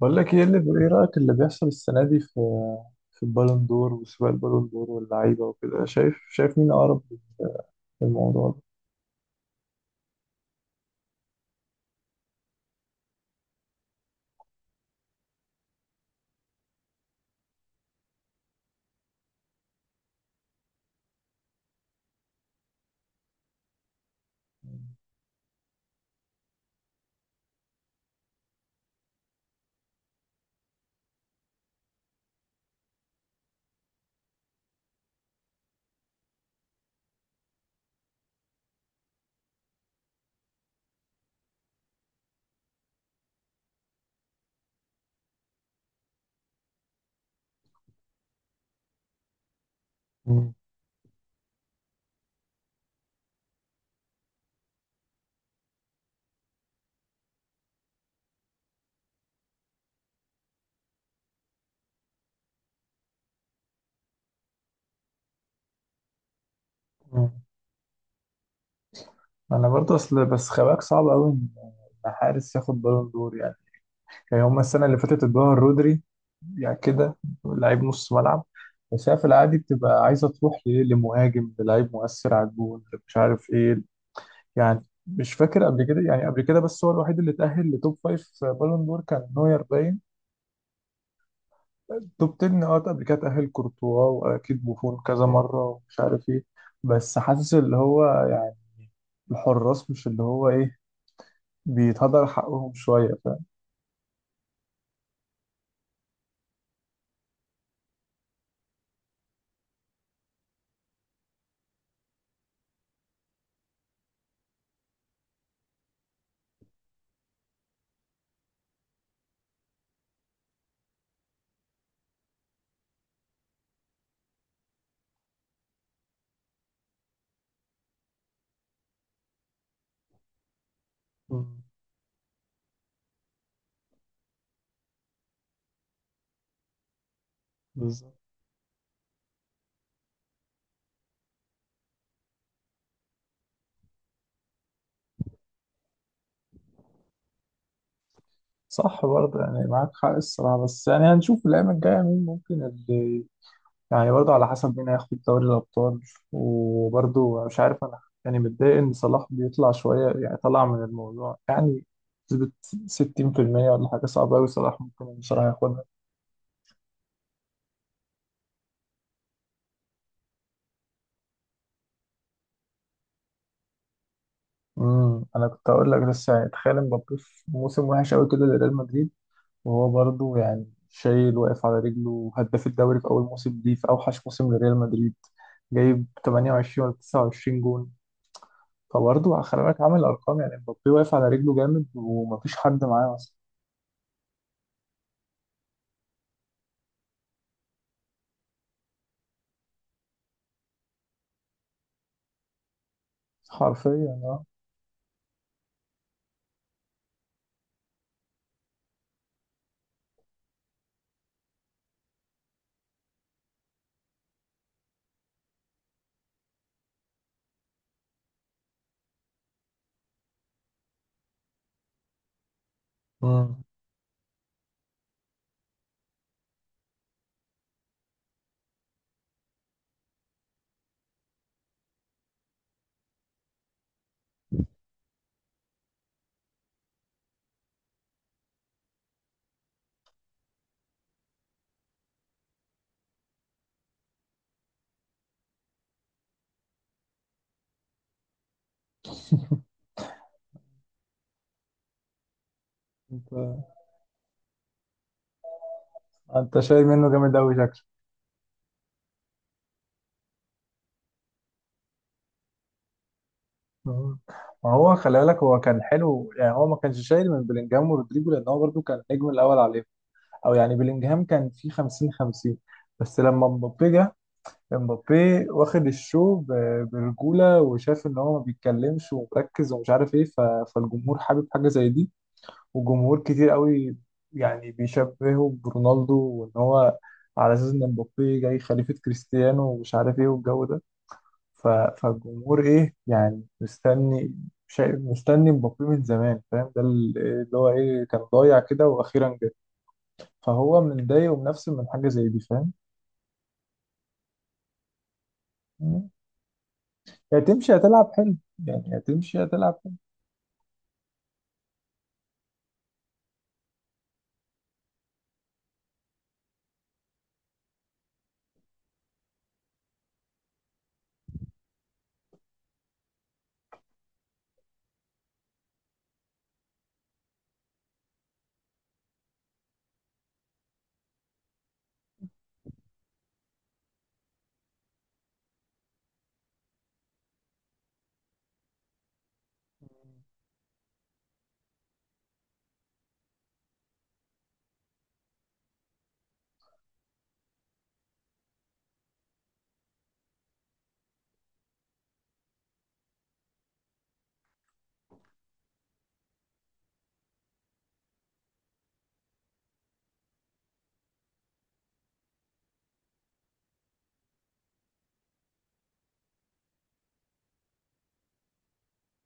بقول لك ايه رأيك اللي بيحصل السنة دي في البالون دور وسباق البالون دور واللعيبة وكده شايف مين أقرب للموضوع ده. مم. مم. أنا برضه أصل بس خباك صعب أوي إن حارس ياخد بالون دور يعني. يعني هما السنة اللي فاتت ادوها رودري، يعني كده لعيب نص ملعب. بس هي في العادي بتبقى عايزة تروح لإيه، لمهاجم، للعيب مؤثر على الجون، مش عارف إيه. يعني مش فاكر قبل كده بس هو الوحيد اللي اتأهل لتوب فايف في بالون دور كان نوير، باين توب 10، اه، قبل كده تأهل كورتوا واكيد بوفون كذا مره ومش عارف ايه. بس حاسس اللي هو يعني الحراس مش اللي هو ايه، بيتهدر حقهم شويه، فاهم. مم. بالظبط. صح، برضه يعني معاك حق الصراحه، بس يعني هنشوف الايام الجايه مين ممكن اللي، يعني برضه على حسب مين هياخد دوري الابطال. وبرضه مش عارف انا، يعني متضايق ان صلاح بيطلع شويه، يعني طلع من الموضوع يعني بنسبه 60% ولا حاجه، صعبه قوي صلاح ممكن بصراحه ياخدها. انا كنت هقول لك بس يعني تخيل مبابي في موسم وحش قوي كده لريال مدريد، وهو برضه يعني شايل، واقف على رجله، هداف الدوري في اول موسم ليه في اوحش موسم لريال مدريد، جايب 28 ولا 29 جون، فبرضه خلي بالك عامل ارقام يعني، مبابي واقف على رجله جامد ومفيش حد معاه اصلا. حرفيا اه. امم انت انت شايل منه جامد قوي شكله. مم. ما هو خلي بالك، هو كان حلو يعني، هو ما كانش شايل من بلينجهام ورودريجو لان هو برضه كان النجم الاول عليهم، او يعني بلينجهام كان في 50 50. بس لما مبابي جه، مبابي واخد الشو برجوله، وشاف ان هو ما بيتكلمش ومركز ومش عارف ايه، فالجمهور حابب حاجه زي دي، وجمهور كتير قوي يعني بيشبهه برونالدو، وان هو على اساس ان مبابي جاي خليفه كريستيانو ومش عارف ايه والجو ده. فالجمهور ايه، يعني مستني. شايف مستني مبابي من زمان، فاهم، ده اللي هو ايه كان ضايع كده واخيرا جه. فهو متضايق ومنفسن من حاجة زي دي، فاهم. يا تمشي هتلعب حلو يا تمشي هتلعب حلو.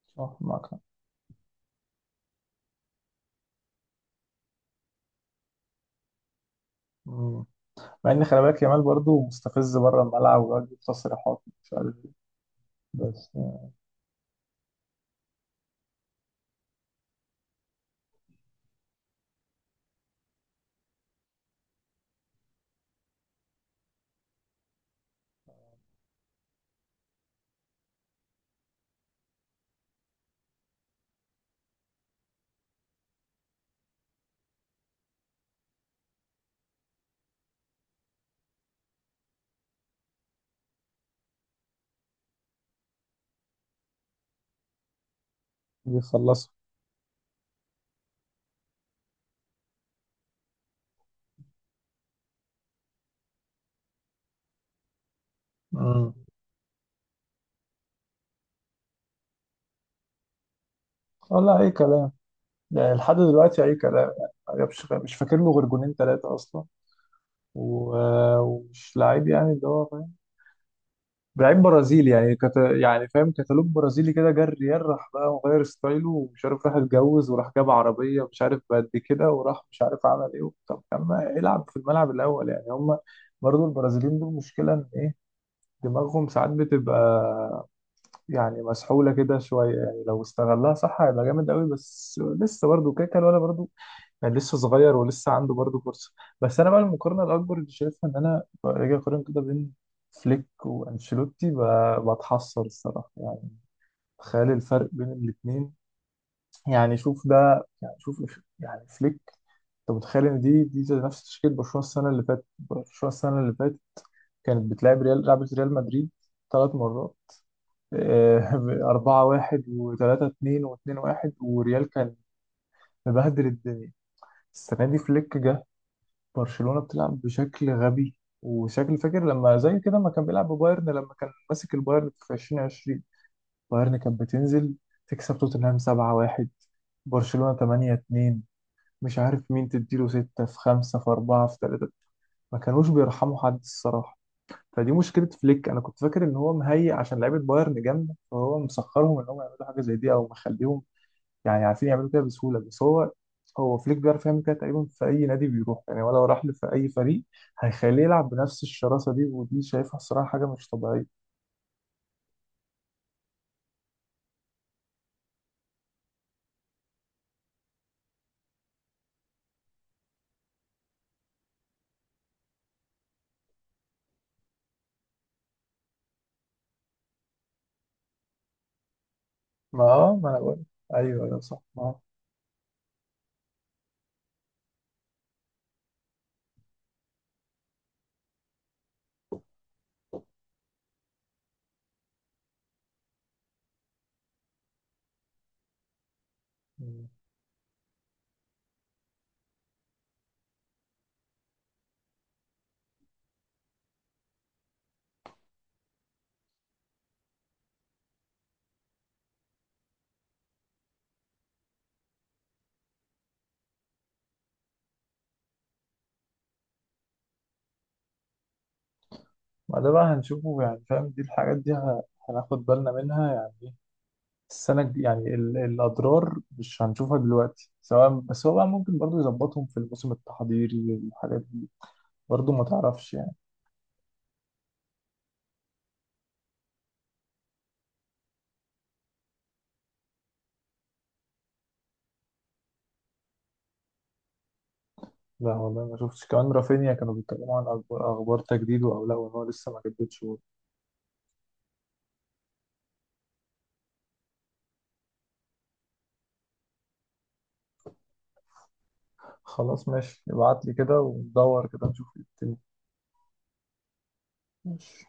صح معاك حق. مم. مع ان خلي بالك يامال برضه مستفز بره الملعب، ويقعد يجيب تصريحات مش عارف ايه، بس يعني بيخلصها. امم والله اي كلام، يعني لحد دلوقتي اي كلام، يعني ما جابش مش فاكر له غير جونين ثلاثة اصلا. ومش لعيب يعني، اللي هو لعيب برازيلي يعني يعني فاهم، كتالوج برازيلي كده. جه الريال راح بقى مغير ستايله ومش عارف، راح اتجوز، وراح جاب عربية مش عارف بقد كده، وراح مش عارف عمل ايه وبتاع. طب كان ما يلعب في الملعب الأول، يعني هم برضو البرازيليين دول مشكلة ان ايه، دماغهم ساعات بتبقى يعني مسحولة كده شوية، يعني لو استغلها صح هيبقى جامد قوي، بس لسه برضو كده كده، ولا برضو يعني لسه صغير ولسه عنده برضه فرصه. بس انا بقى المقارنه الاكبر اللي شايفها، ان انا راجع اقارن كده بين فليك وانشيلوتي، بتحسر الصراحه يعني. تخيل الفرق بين الاثنين. يعني شوف ده، يعني شوف يعني فليك. انت متخيل ان دي زي نفس تشكيله برشلونه السنه اللي فاتت كانت بتلعب ريال لعبت ريال مدريد ثلاث مرات. 4-1، وثلاثة اتنين، واتنين واحد، وريال كان مبهدل الدنيا. السنة دي فليك جه، برشلونة بتلعب بشكل غبي، وشكل فاكر لما زي كده ما كان بيلعب ببايرن، لما كان ماسك البايرن في 2020. بايرن كانت بتنزل تكسب توتنهام 7-1، برشلونة 8-2، مش عارف مين تديله 6 في 5 في 4 في 3، ما كانوش بيرحموا حد الصراحة. فدي مشكلة فليك. أنا كنت فاكر إن هو مهيئ عشان لعيبة بايرن جامدة، فهو مسخرهم إن هم يعملوا حاجة زي دي، أو مخليهم يعني عارفين يعملوا كده بسهوله. بس هو فليك بيعرف يعمل كده تقريبا في اي نادي بيروح، يعني ولو راح له في اي فريق هيخليه يلعب بنفس الشراسه دي، ودي شايفها الصراحه حاجه مش طبيعيه. ما انا بقول، ايوه ايوه صح اه. مم. ما ده بقى هنشوفه يعني، فاهم، دي الحاجات دي هناخد بالنا منها يعني إيه؟ السنة الج- يعني ال- الأضرار مش هنشوفها دلوقتي سواء، بس هو بقى ممكن برضه يظبطهم في الموسم التحضيري الحاجات دي، برضه ما تعرفش يعني. لا والله ما شفتش، كمان رافينيا كانوا بيتكلموا عن أخبار تجديده أو لا، وإن هو لسه ما جددش. خلاص ماشي، ابعت لي كده وندور كده نشوف إيه الدنيا. ماشي.